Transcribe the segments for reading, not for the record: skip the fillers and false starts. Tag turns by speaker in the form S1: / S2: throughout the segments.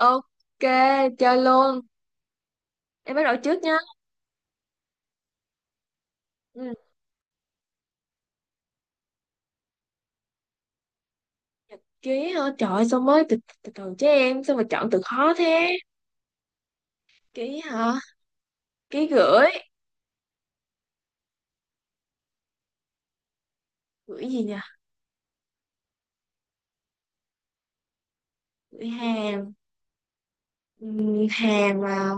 S1: Ok, chơi luôn. Em bắt đầu trước nha. Ừ, ký hả? Trời ơi, sao mới từ từ, từ chứ em, sao mà chọn từ khó thế? Ký hả? Ký gửi. Gửi gì nhỉ? Gửi hàng. Ừ, hàng mà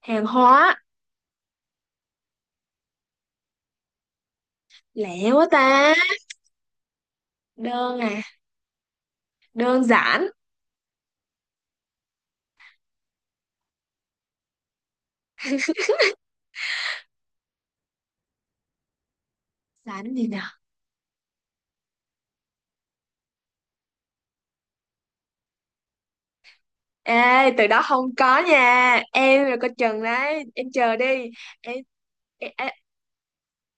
S1: hàng hóa. Lẹ quá ta. Đơn à, đơn giản. Giản gì nhỉ? Ê, từ đó không có nha. Em là coi chừng đấy. Em chờ đi. Em, em,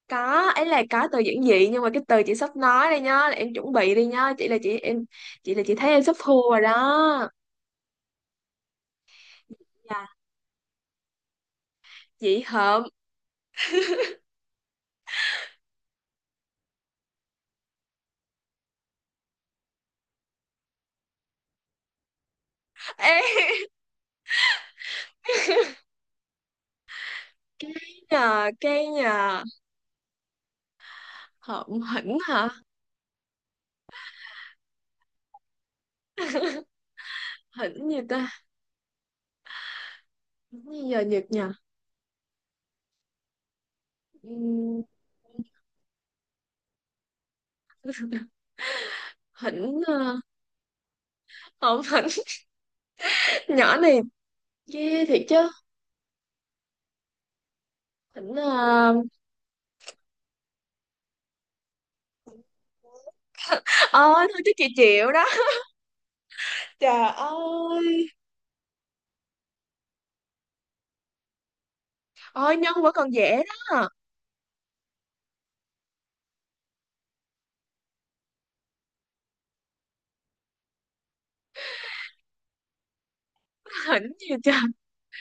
S1: có ấy là có từ giản dị nhưng mà cái từ chị sắp nói đây nhá là em chuẩn bị đi nhá, chị là chị thấy em sắp thua rồi đó. Dạ. Chị hợm. Ê, nhờ cái nhờ, hợm hỉnh hả? Hỉnh gì ta? Hỉnh gì giờ nhật nhờ? Ừm, hỉnh hợm hỉnh. Nhỏ này ghê thiệt chứ. Hỉnh, ôi thôi chứ chị chịu đó, trời ơi. Ôi nhân vẫn còn dễ đó. Hỉnh gì trời?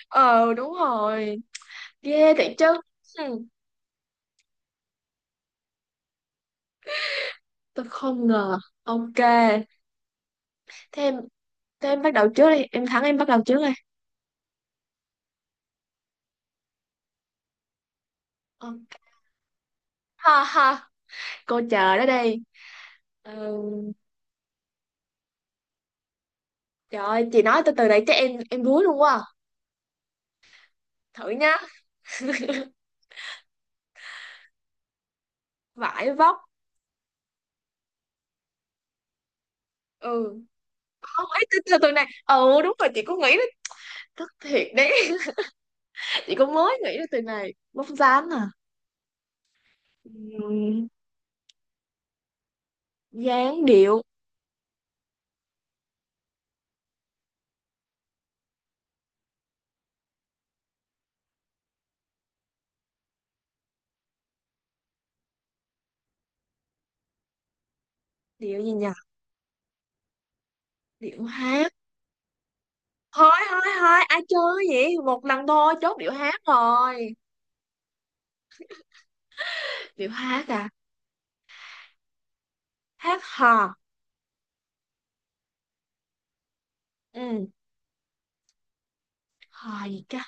S1: Ờ đúng rồi. Ghê thiệt chứ. Hmm. Tôi không ngờ. Ok. Thế em, thế em bắt đầu trước đi. Em thắng em bắt đầu trước đi. Ok. Ha ha. Cô chờ đó đi. Ừ. Trời ơi chị nói từ từ này chắc em đuối luôn quá à. Thử nhá. Vải vóc. Ừ. Không ấy từ từ từ này. Ừ đúng rồi chị cũng nghĩ đến. Thật thiệt đấy. Chị cũng mới nghĩ đến từ này. Vóc dáng à. Ừm, dáng điệu. Điệu gì nhỉ? Điệu hát. Thôi thôi thôi ai chơi vậy, một lần thôi, chốt điệu hát rồi. Điệu hát à. Hát hò. Ừ, hò gì ta?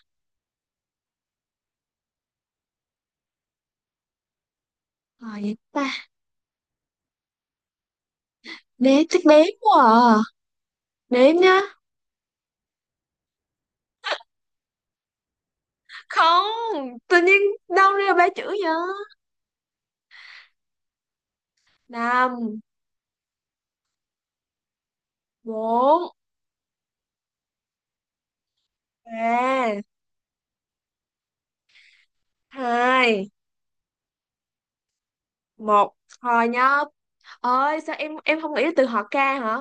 S1: Hò gì ta? Đếm chắc đếm quá à. Đếm nhá. Không tự nhiên đâu ra ba chữ vậy. Năm, bốn, ba, hai, một. Hò nhá. Ơi sao em không nghĩ là từ hò ca hả?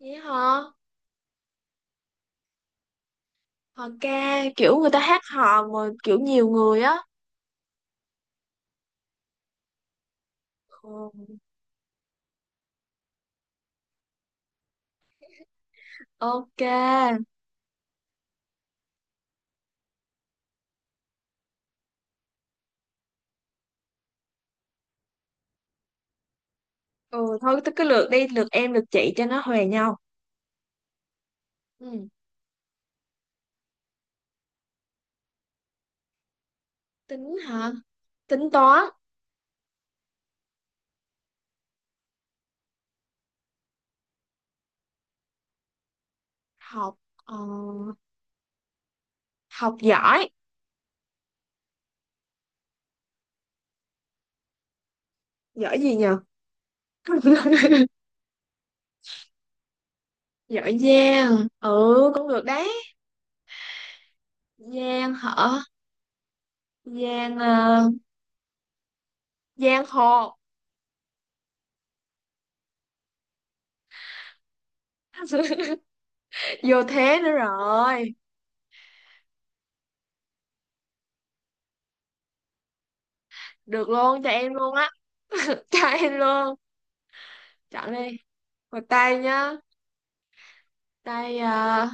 S1: Vậy hả? Hò ca kiểu người ta hát hò mà kiểu nhiều người á. Ừ, ok. Ừ thôi tôi cứ lượt đi lượt em lượt chị cho nó huề nhau. Ừ. Tính hả? Tính toán. Học ờ, học giỏi. Giỏi gì nhờ? Giỏi giang. Ừ cũng được đấy. Giang hả? Giang ờ, giang hồ. Vô thế nữa rồi. Được luôn cho em luôn á. Cho em luôn. Chọn đi. Một tay nhá. Tay ờ,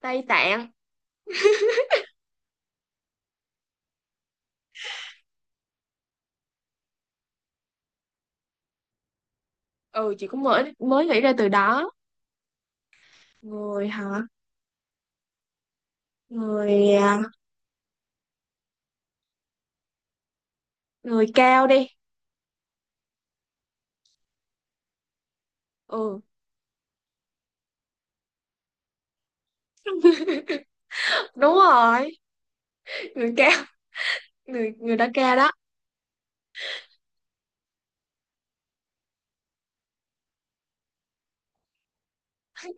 S1: tay tạng. Ừ chị cũng mới mới nghĩ ra từ đó. Người hả? Người à, người cao đi. Ừ đúng rồi, người cao. Người người đã cao đó.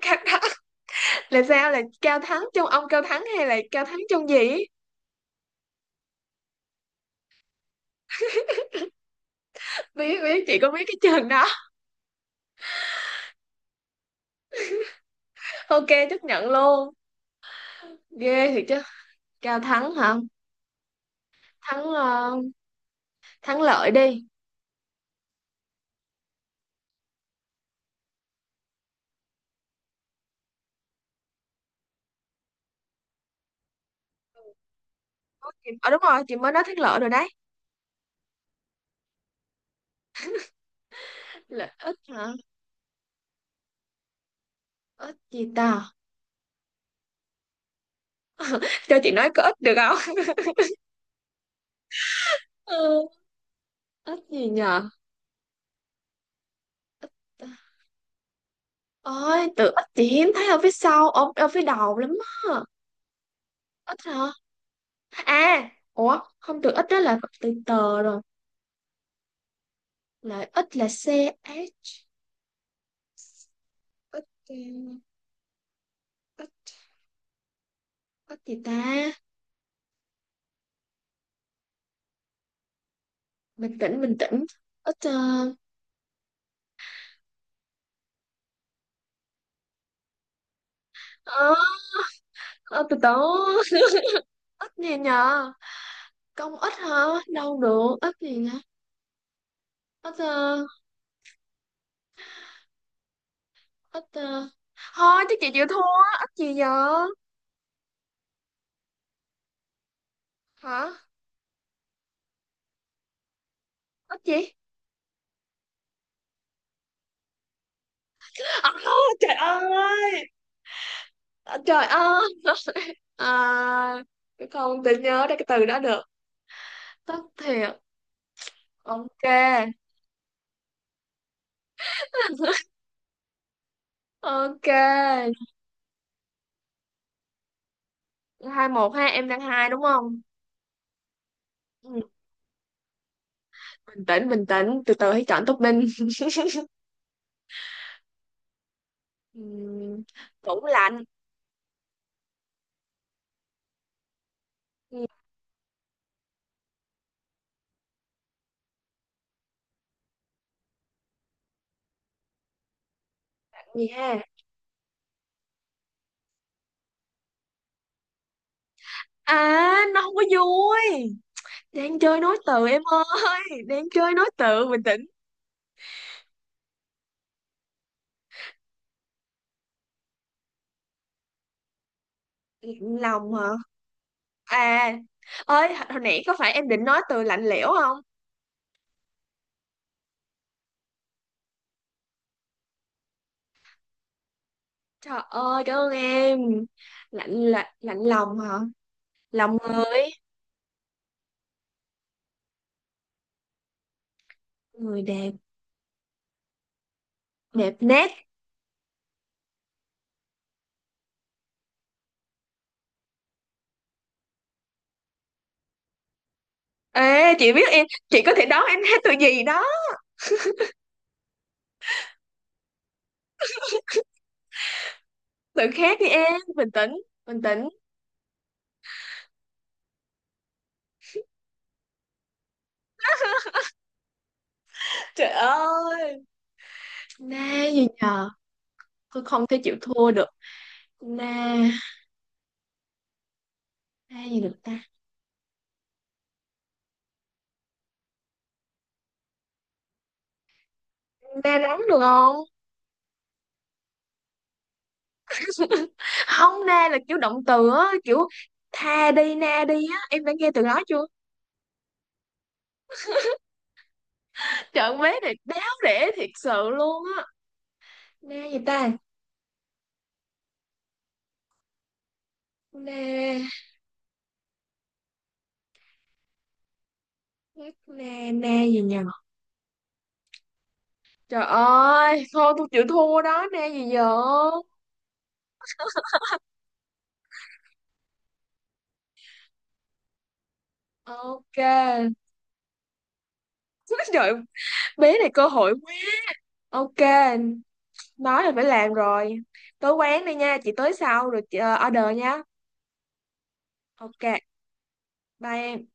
S1: Cao đó là sao, là cao thắng trong ông cao thắng hay là cao thắng trong gì ấy? Biết biết chị có biết cái trường đó. Ok, chấp nhận luôn. Ghê thiệt chứ. Cao thắng hả? Thắng ờ, thắng lợi đi. Ờ đúng rồi chị mới nói thắng lợi rồi đấy. Lợi ích hả? Ích gì ta? Cho chị nói có ích được không? Ừ, ích gì nhờ? Ích. Ôi tự ích chị hiếm thấy ở phía sau, ở phía đầu lắm á. Ít hả? À, ủa, không từ ít đó là từ tờ rồi. Là ít là C, H. Ít, ừ, ít, ít gì ta? Bình tĩnh, bình tĩnh. Ít, ờ, ờ, từ từ. Ít gì nhờ? Công ít hả? Đâu được, ít gì nhỉ? Ít, ờ, ít, ờ. Thôi, chứ chị chịu thua. Ít gì giờ? Hả? Ít gì? À, trời ơi! À, trời ơi! À, không tự nhớ ra cái từ đó được. Tất thiệt. Ok. Ok, hai một ha, em đang hai đúng không? Ừ, bình tĩnh, bình tĩnh, từ từ hãy chọn topping. Ừm, tủ lạnh. Ừ, lạnh gì ha? À, nó không có vui. Đang chơi nói từ em ơi, đang chơi nói từ, bình tĩnh. Lạnh lòng hả? À, ơi, hồi nãy có phải em định nói từ lạnh lẽo không? Trời ơi, cảm ơn em. Lạnh lạnh lạnh lòng hả? Lòng người. Người đẹp. Đẹp nét. Ê, chị biết em, chị có thể đoán em hát từ gì đó. Từ khác đi em, bình tĩnh, bình tĩnh. Trời ơi, na gì nhờ, tôi không thể chịu thua được. Na, na gì được ta? Na nóng được không? Không, na là kiểu động từ á, kiểu tha đi, na đi á. Em đã nghe từ đó chưa? Trận vế này đáo để thiệt sự luôn á. Na gì ta? Na, na, na gì nhờ? Trời ơi, thôi tôi chịu thua đó, na gì giờ? Ok. Trời, bé này cơ hội quý. Ok, nói là phải làm rồi. Tới quán đi nha, chị tới sau rồi chị order nha. Ok, bye em.